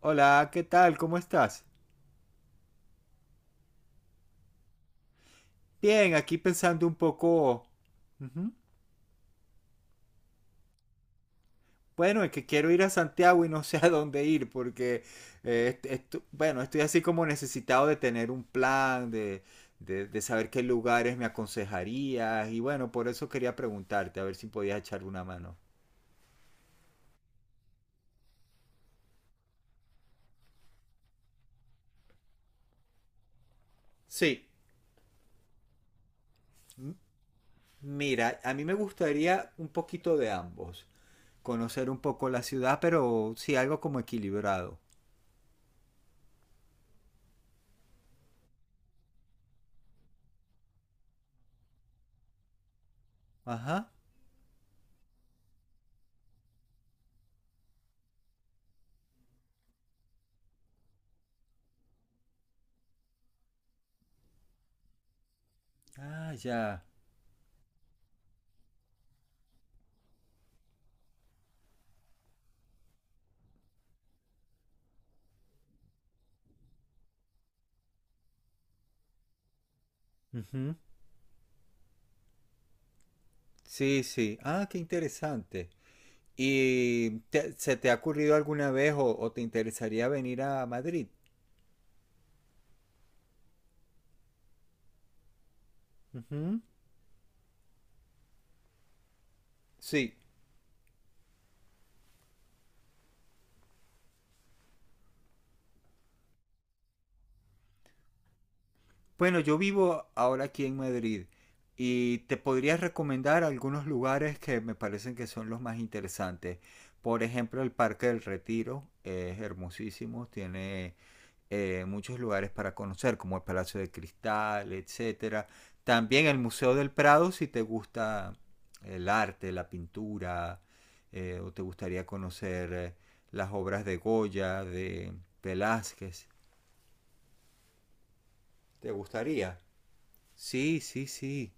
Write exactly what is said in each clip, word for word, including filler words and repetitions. Hola, ¿qué tal? ¿Cómo estás? Bien, aquí pensando un poco. Ujú. Bueno, es que quiero ir a Santiago y no sé a dónde ir porque, eh, est- estu- bueno, estoy así como necesitado de tener un plan, de, de, de saber qué lugares me aconsejarías y bueno, por eso quería preguntarte, a ver si podías echarle una mano. Sí. M- Mira, a mí me gustaría un poquito de ambos, conocer un poco la ciudad, pero sí algo como equilibrado. Ajá. Ah, ya. Sí, sí. Ah, qué interesante. ¿Y te- se te ha ocurrido alguna vez o, o te interesaría venir a Madrid? Ujú. Sí. Bueno, yo vivo ahora aquí en Madrid y te podría recomendar algunos lugares que me parecen que son los más interesantes. Por ejemplo, el Parque del Retiro es hermosísimo, tiene eh, muchos lugares para conocer, como el Palacio de Cristal, etcétera. También el Museo del Prado, si te gusta el arte, la pintura, eh, o te gustaría conocer eh, las obras de Goya, de Velázquez. ¿Te gustaría? Sí, sí, sí.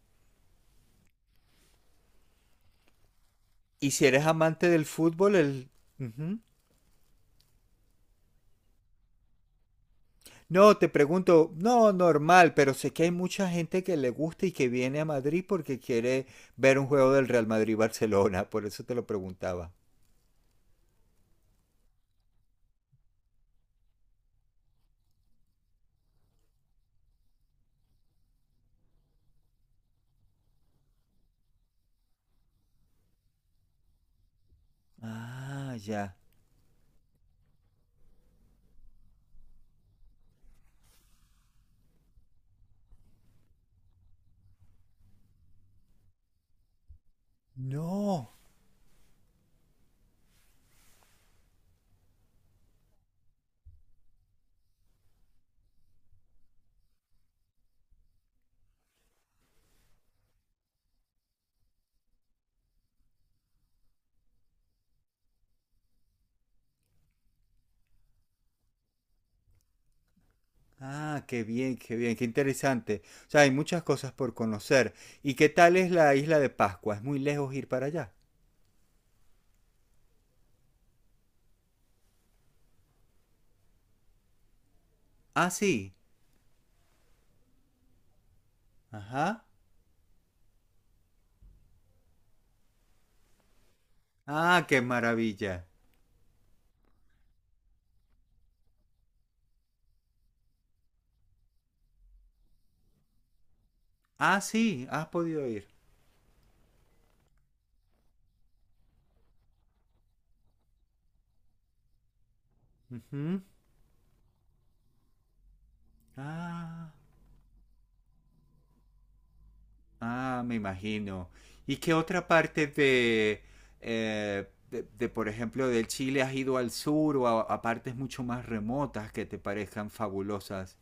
¿Y si eres amante del fútbol, el... Ujú. No, te pregunto, no, normal, pero sé que hay mucha gente que le gusta y que viene a Madrid porque quiere ver un juego del Real Madrid-Barcelona, por eso te lo preguntaba. Ah, ya. No. Ah, qué bien, qué bien, qué interesante. O sea, hay muchas cosas por conocer. ¿Y qué tal es la isla de Pascua? ¿Es muy lejos ir para allá? Ah, sí. Ajá. Ah, qué maravilla. Ah, sí, has podido ir. Ujú. Ah, ah, me imagino. ¿Y qué otra parte de, eh, de, de, por ejemplo, del Chile has ido al sur o a, a partes mucho más remotas que te parezcan fabulosas?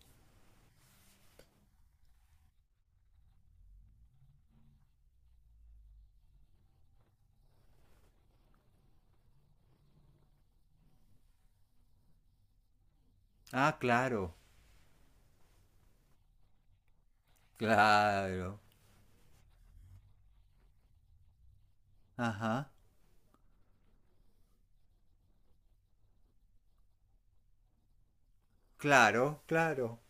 Ah, claro. Claro. Ajá. Claro, claro.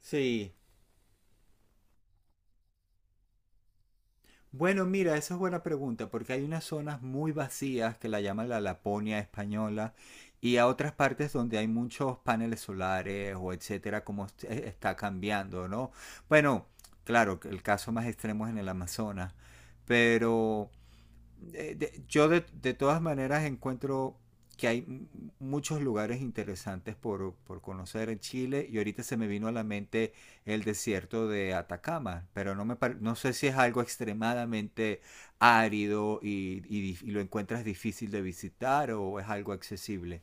Sí. Bueno, mira, esa es buena pregunta, porque hay unas zonas muy vacías que la llaman la Laponia española y a otras partes donde hay muchos paneles solares o etcétera, como est- eh, está cambiando, ¿no? Bueno, claro, que el caso más extremo es en el Amazonas, pero eh, de- yo de, de todas maneras encuentro que hay m- muchos lugares interesantes por, por conocer en Chile y ahorita se me vino a la mente el desierto de Atacama, pero no me par- no sé si es algo extremadamente árido y, y dif- y lo encuentras difícil de visitar o es algo accesible.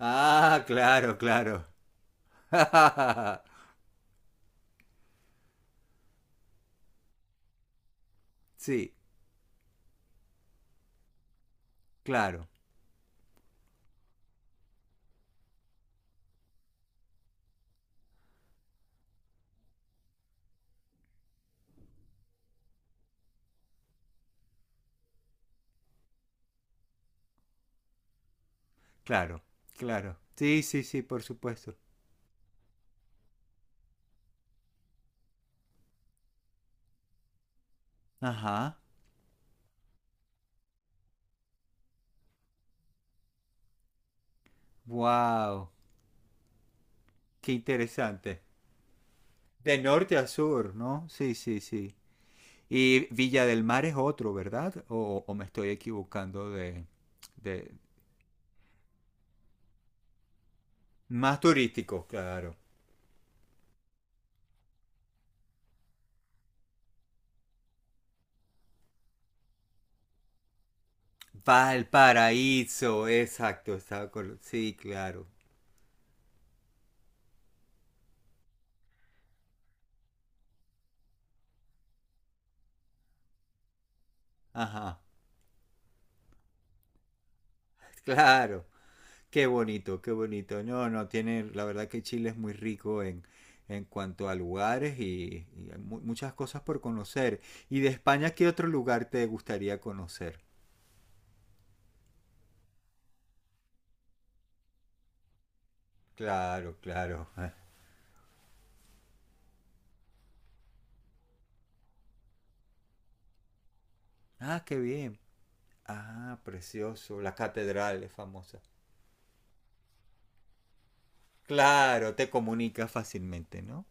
Ah, claro, claro. Sí, claro, claro, claro. Sí, sí, sí, por supuesto. Ajá. Wow, qué interesante. De norte a sur, ¿no? Sí, sí, sí. Y Villa del Mar es otro, ¿verdad? O, o me estoy equivocando de, de... Más turístico, claro. Valparaíso, exacto, estaba con... Sí, claro. Ajá, claro. Qué bonito, qué bonito. No, no, tiene, la verdad que Chile es muy rico en, en cuanto a lugares y, y hay mu- muchas cosas por conocer. ¿Y de España qué otro lugar te gustaría conocer? Claro, claro. Ah, qué bien. Ah, precioso. La catedral es famosa. Claro, te comunica fácilmente, ¿no?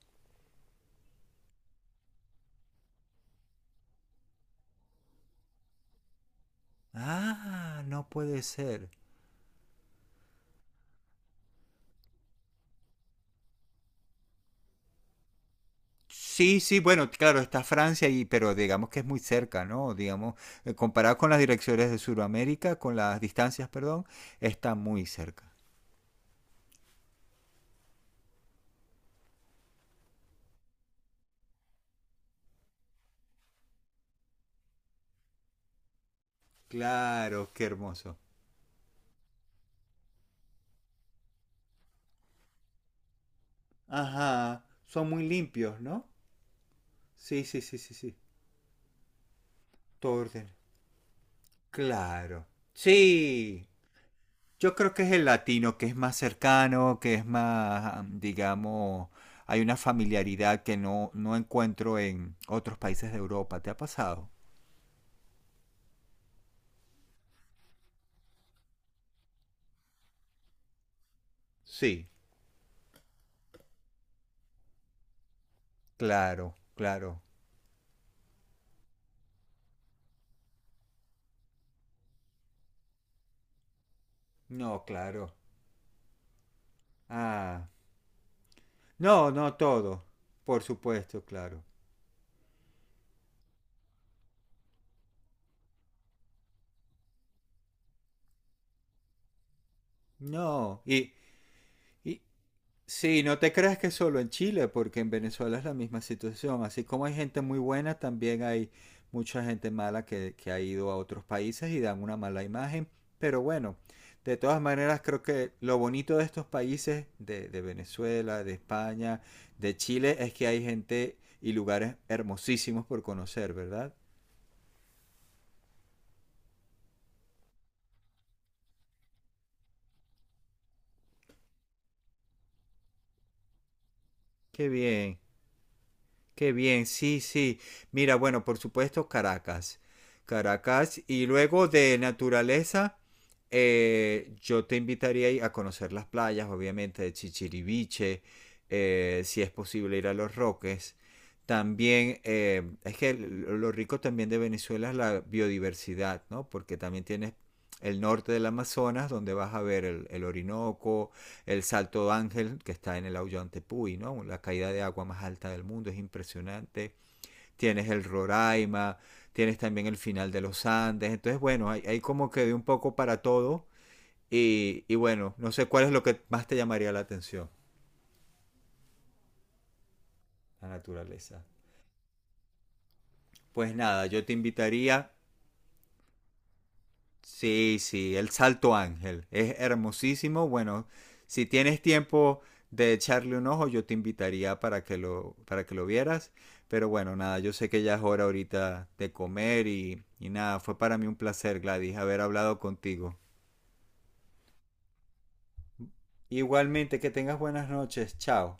Ah, no puede ser. Sí, sí, bueno, claro, está Francia, y, pero digamos que es muy cerca, ¿no? Digamos, eh, comparado con las direcciones de Sudamérica, con las distancias, perdón, está muy cerca. Claro, qué hermoso. Ajá, son muy limpios, ¿no? Sí, sí, sí, sí, sí. Todo orden. Claro. Sí, yo creo que es el latino, que es más cercano, que es más, digamos, hay una familiaridad que no, no encuentro en otros países de Europa. ¿Te ha pasado? Sí, claro, claro. No, claro. Ah, no, no todo. Por supuesto, claro. No, y, y, sí, no te creas que solo en Chile, porque en Venezuela es la misma situación. Así como hay gente muy buena, también hay mucha gente mala que, que ha ido a otros países y dan una mala imagen. Pero bueno, de todas maneras creo que lo bonito de estos países, de, de Venezuela, de España, de Chile, es que hay gente y lugares hermosísimos por conocer, ¿verdad? Qué bien. Qué bien, sí, sí. Mira, bueno, por supuesto Caracas. Caracas y luego de naturaleza, eh, yo te invitaría ahí a conocer las playas, obviamente, de Chichiriviche, eh, si es posible ir a Los Roques. También, eh, es que lo lo rico también de Venezuela es la biodiversidad, ¿no? Porque también tienes el norte del Amazonas, donde vas a ver el, el Orinoco, el Salto Ángel, que está en el Aullante Puy, ¿no? La caída de agua más alta del mundo, es impresionante. Tienes el Roraima, tienes también el final de los Andes. Entonces, bueno, hay, hay como que de un poco para todo. Y, y bueno, no sé cuál es lo que más te llamaría la atención, la naturaleza. Pues nada, yo te invitaría. Sí, sí, el Salto Ángel. Es hermosísimo. Bueno, si tienes tiempo de echarle un ojo, yo te invitaría para que lo, para que lo vieras. Pero bueno, nada, yo sé que ya es hora ahorita de comer y, y nada, fue para mí un placer, Gladys, haber hablado contigo. Igualmente, que tengas buenas noches. Chao.